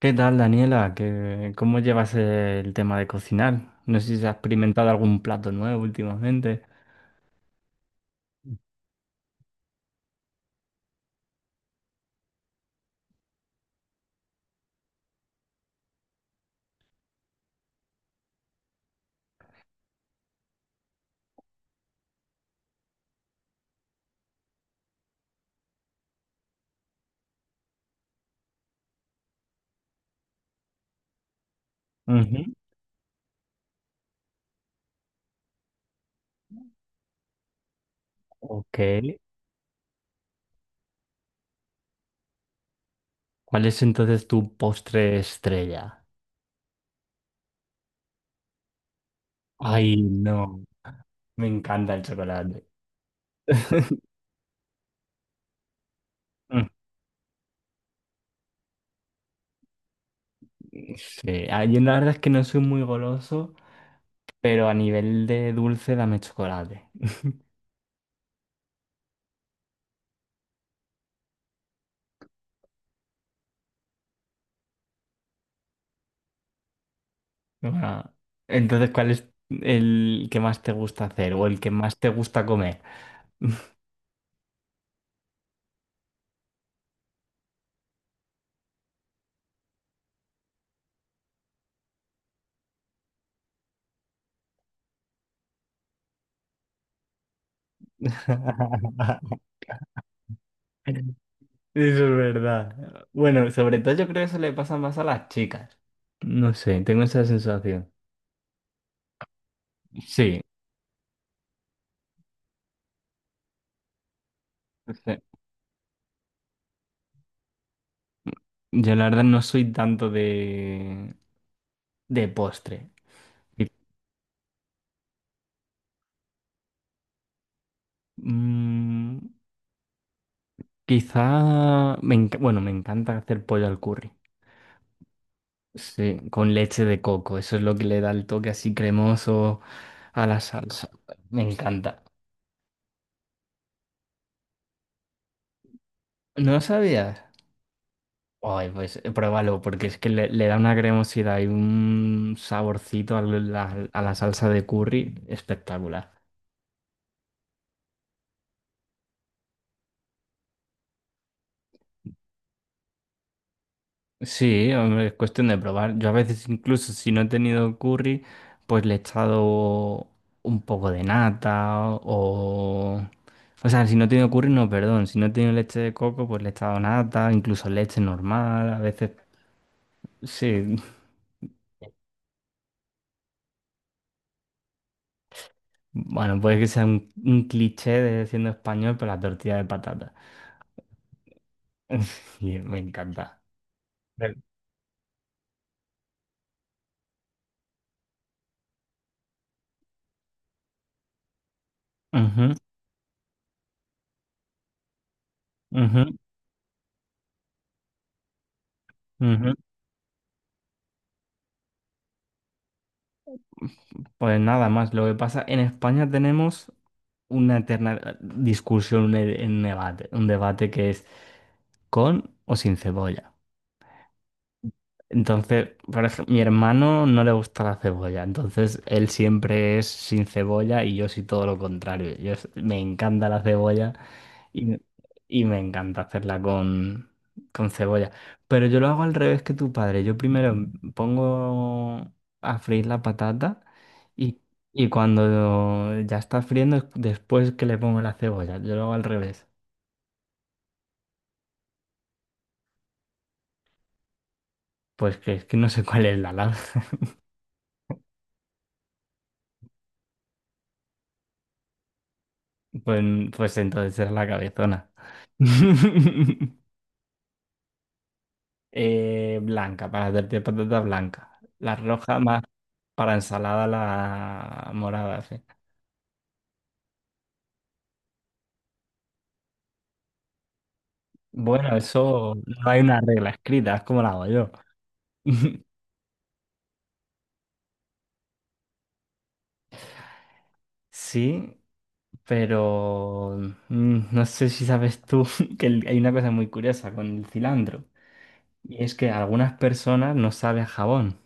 ¿Qué tal, Daniela? ¿Cómo llevas el tema de cocinar? No sé si has experimentado algún plato nuevo últimamente. Ujú. Ok. ¿Cuál es entonces tu postre estrella? Ay, no. Me encanta el chocolate. Mm. Sí, ah, yo la verdad es que no soy muy goloso, pero a nivel de dulce dame chocolate. Ah, entonces, ¿cuál es el que más te gusta hacer o el que más te gusta comer? Eso es verdad. Bueno, sobre todo yo creo que eso le pasa más a las chicas. No sé, tengo esa sensación. Sí, no sé. Yo la verdad no soy tanto de postre. Qui- mm, bueno, me encanta hacer pollo al curry. Sí, con leche de coco. Eso es lo que le da el toque así cremoso a la salsa. Me encanta. ¿No sabías? Ay, pues pruébalo, porque es que le da una cremosidad y un saborcito a a la salsa de curry espectacular. Sí, hombre, es cuestión de probar. Yo a veces incluso si no he tenido curry, pues le he echado un poco de nata o... O sea, si no he tenido curry, no, perdón. Si no he tenido leche de coco, pues le he echado nata, incluso leche normal. A veces, sí. Bueno, puede que sea un cliché de siendo español, pero la tortilla de patata. Y me encanta. Del- Ujú, ujú, ujú. Pues nada más, lo que pasa, en España tenemos una eterna discusión, un debate que es con o sin cebolla. Entonces, por ejemplo, mi hermano no le gusta la cebolla, entonces él siempre es sin cebolla y yo sí todo lo contrario. Me encanta la cebolla y, y me encanta hacerla con cebolla. Pero yo lo hago al revés que tu padre. Yo primero pongo a freír la patata y, y cuando ya está friendo es después que le pongo la cebolla. Yo lo hago al revés. Pues que es que no sé cuál es la lana. Pues, pues entonces era la cabezona. Blanca, para hacerte patata blanca. La roja más para ensalada, la morada, sí. Bueno, eso no hay una regla escrita, es como la hago yo. Sí, pero no sé si sabes tú hay una cosa muy curiosa con el cilantro. Y es que a algunas personas no sabe a jabón.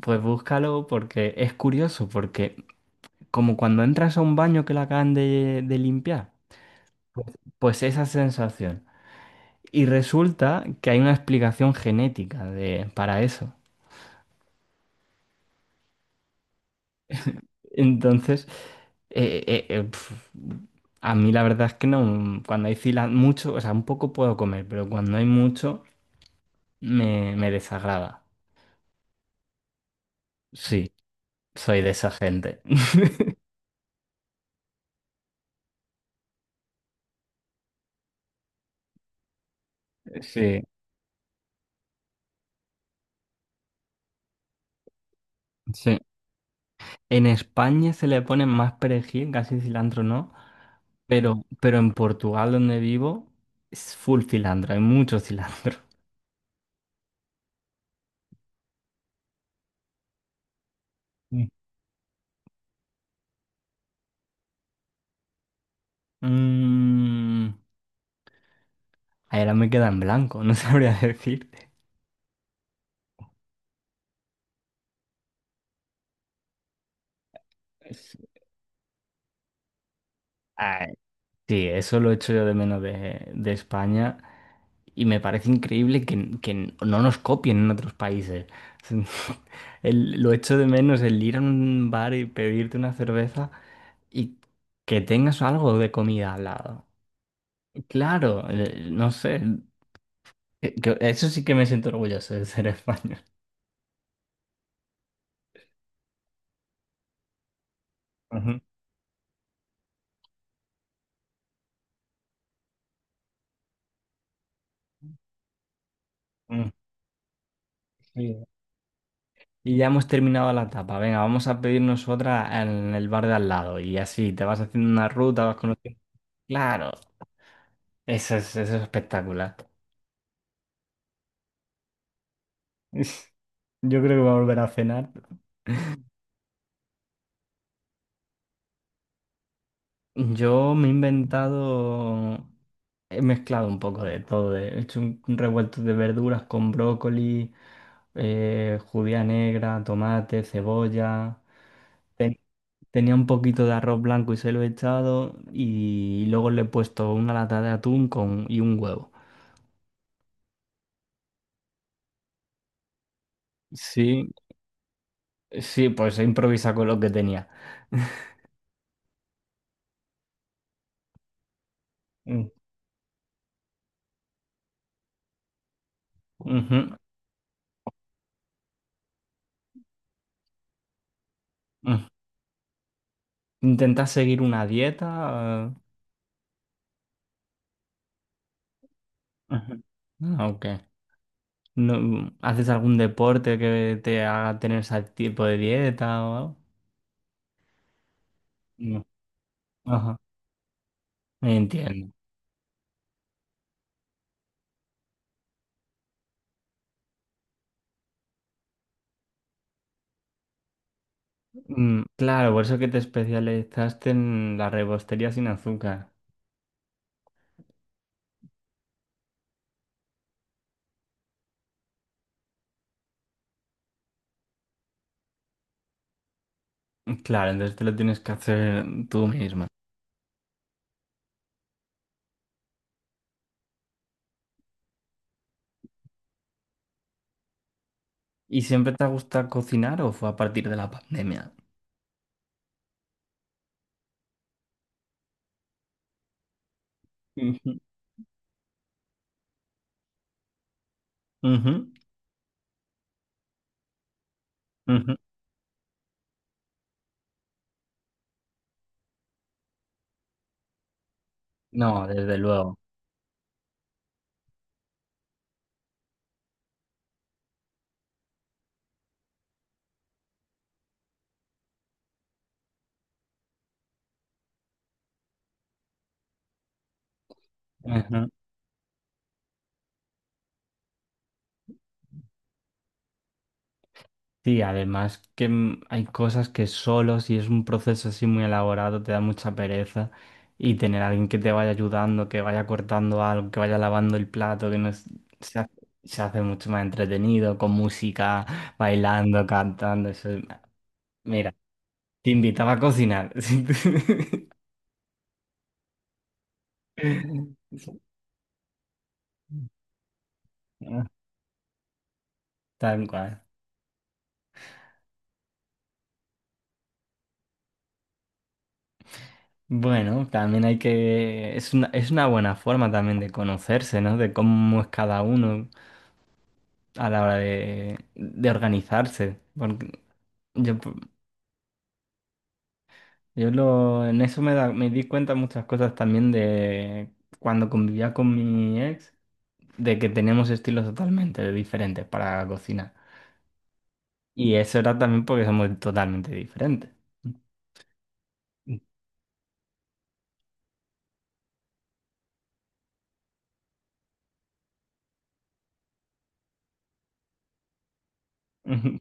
Pues búscalo porque es curioso, porque como cuando entras a un baño que la acaban de limpiar, pues esa sensación. Y resulta que hay una explicación genética para eso. Entonces, eh, eh, eh, pf, a mí la verdad es que no, cuando hay fila mucho, o sea, un poco puedo comer, pero cuando hay mucho me desagrada. Sí, soy de esa gente. Sí, sí. En España se le pone más perejil, casi cilantro no. Pero en Portugal, donde vivo, es full cilantro, hay mucho cilantro. Mm. Mm, ahora me queda en blanco, no sabría decirte. Es- Ay, sí, eso lo echo yo de menos de España y me parece increíble que no nos copien en otros países. Lo echo de menos el ir a un bar y pedirte una cerveza y que tengas algo de comida al lado. Claro, no sé, eso sí que me siento orgulloso de ser español. Ujú, ujú. Sí. Y ya hemos terminado la tapa. Venga, vamos a pedirnos otra en el bar de al lado. Y así te vas haciendo una ruta, vas conociendo. Claro, eso es espectacular. Yo creo que voy a volver a cenar. Yo me he inventado, he mezclado un poco de todo, he hecho un revuelto de verduras con brócoli, judía negra, tomate, cebolla. Ten- Tenía un poquito de arroz blanco y se lo he echado y luego le he puesto una lata de atún con, y un huevo. Sí, sí, pues he improvisado con lo que tenía. Mm, ujú, mm. ¿Intentas seguir una dieta? Ujú. Ah, ok. No, ¿haces algún deporte que te haga tener ese tipo de dieta o algo? No. Ajá, entiendo. Mm, claro, por eso que te especializaste en la repostería sin azúcar. Claro, entonces te lo tienes que hacer tú misma. ¿Y siempre te gusta cocinar o fue a partir de la pandemia? Ujú, ujú, ujú. No, desde luego. Sí, además que hay cosas que solo si es un proceso así muy elaborado te da mucha pereza y tener a alguien que te vaya ayudando, que vaya cortando algo, que vaya lavando el plato, que no es- se hace, se hace mucho más entretenido con música, bailando, cantando, eso. Mira, te invitaba a cocinar. Tal cual. Bueno, también hay que... es una buena forma también de conocerse, ¿no? De cómo es cada uno a la hora de organizarse. Porque yo, en eso me di cuenta muchas cosas también de cuando convivía con mi ex, de que teníamos estilos totalmente diferentes para cocinar. Y eso era también porque somos totalmente diferentes. Ujú,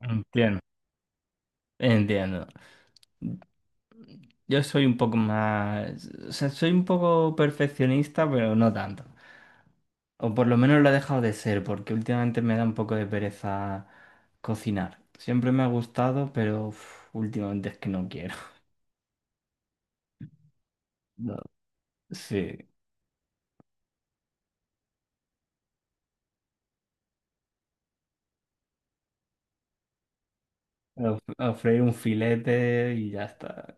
entiendo, entiendo. Yo soy un poco más, o sea, soy un poco perfeccionista, pero no tanto. O por lo menos lo ha dejado de ser, porque últimamente me da un poco de pereza cocinar. Siempre me ha gustado, pero uf, últimamente es que no quiero. No. Sí, a- a freír un filete y ya está.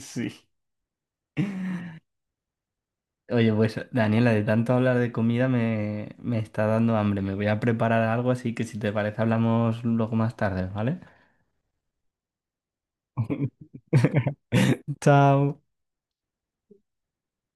Sí. Oye, pues Daniela, de tanto hablar de comida me está dando hambre. Me voy a preparar algo, así que si te parece hablamos luego más tarde, ¿vale? Chao.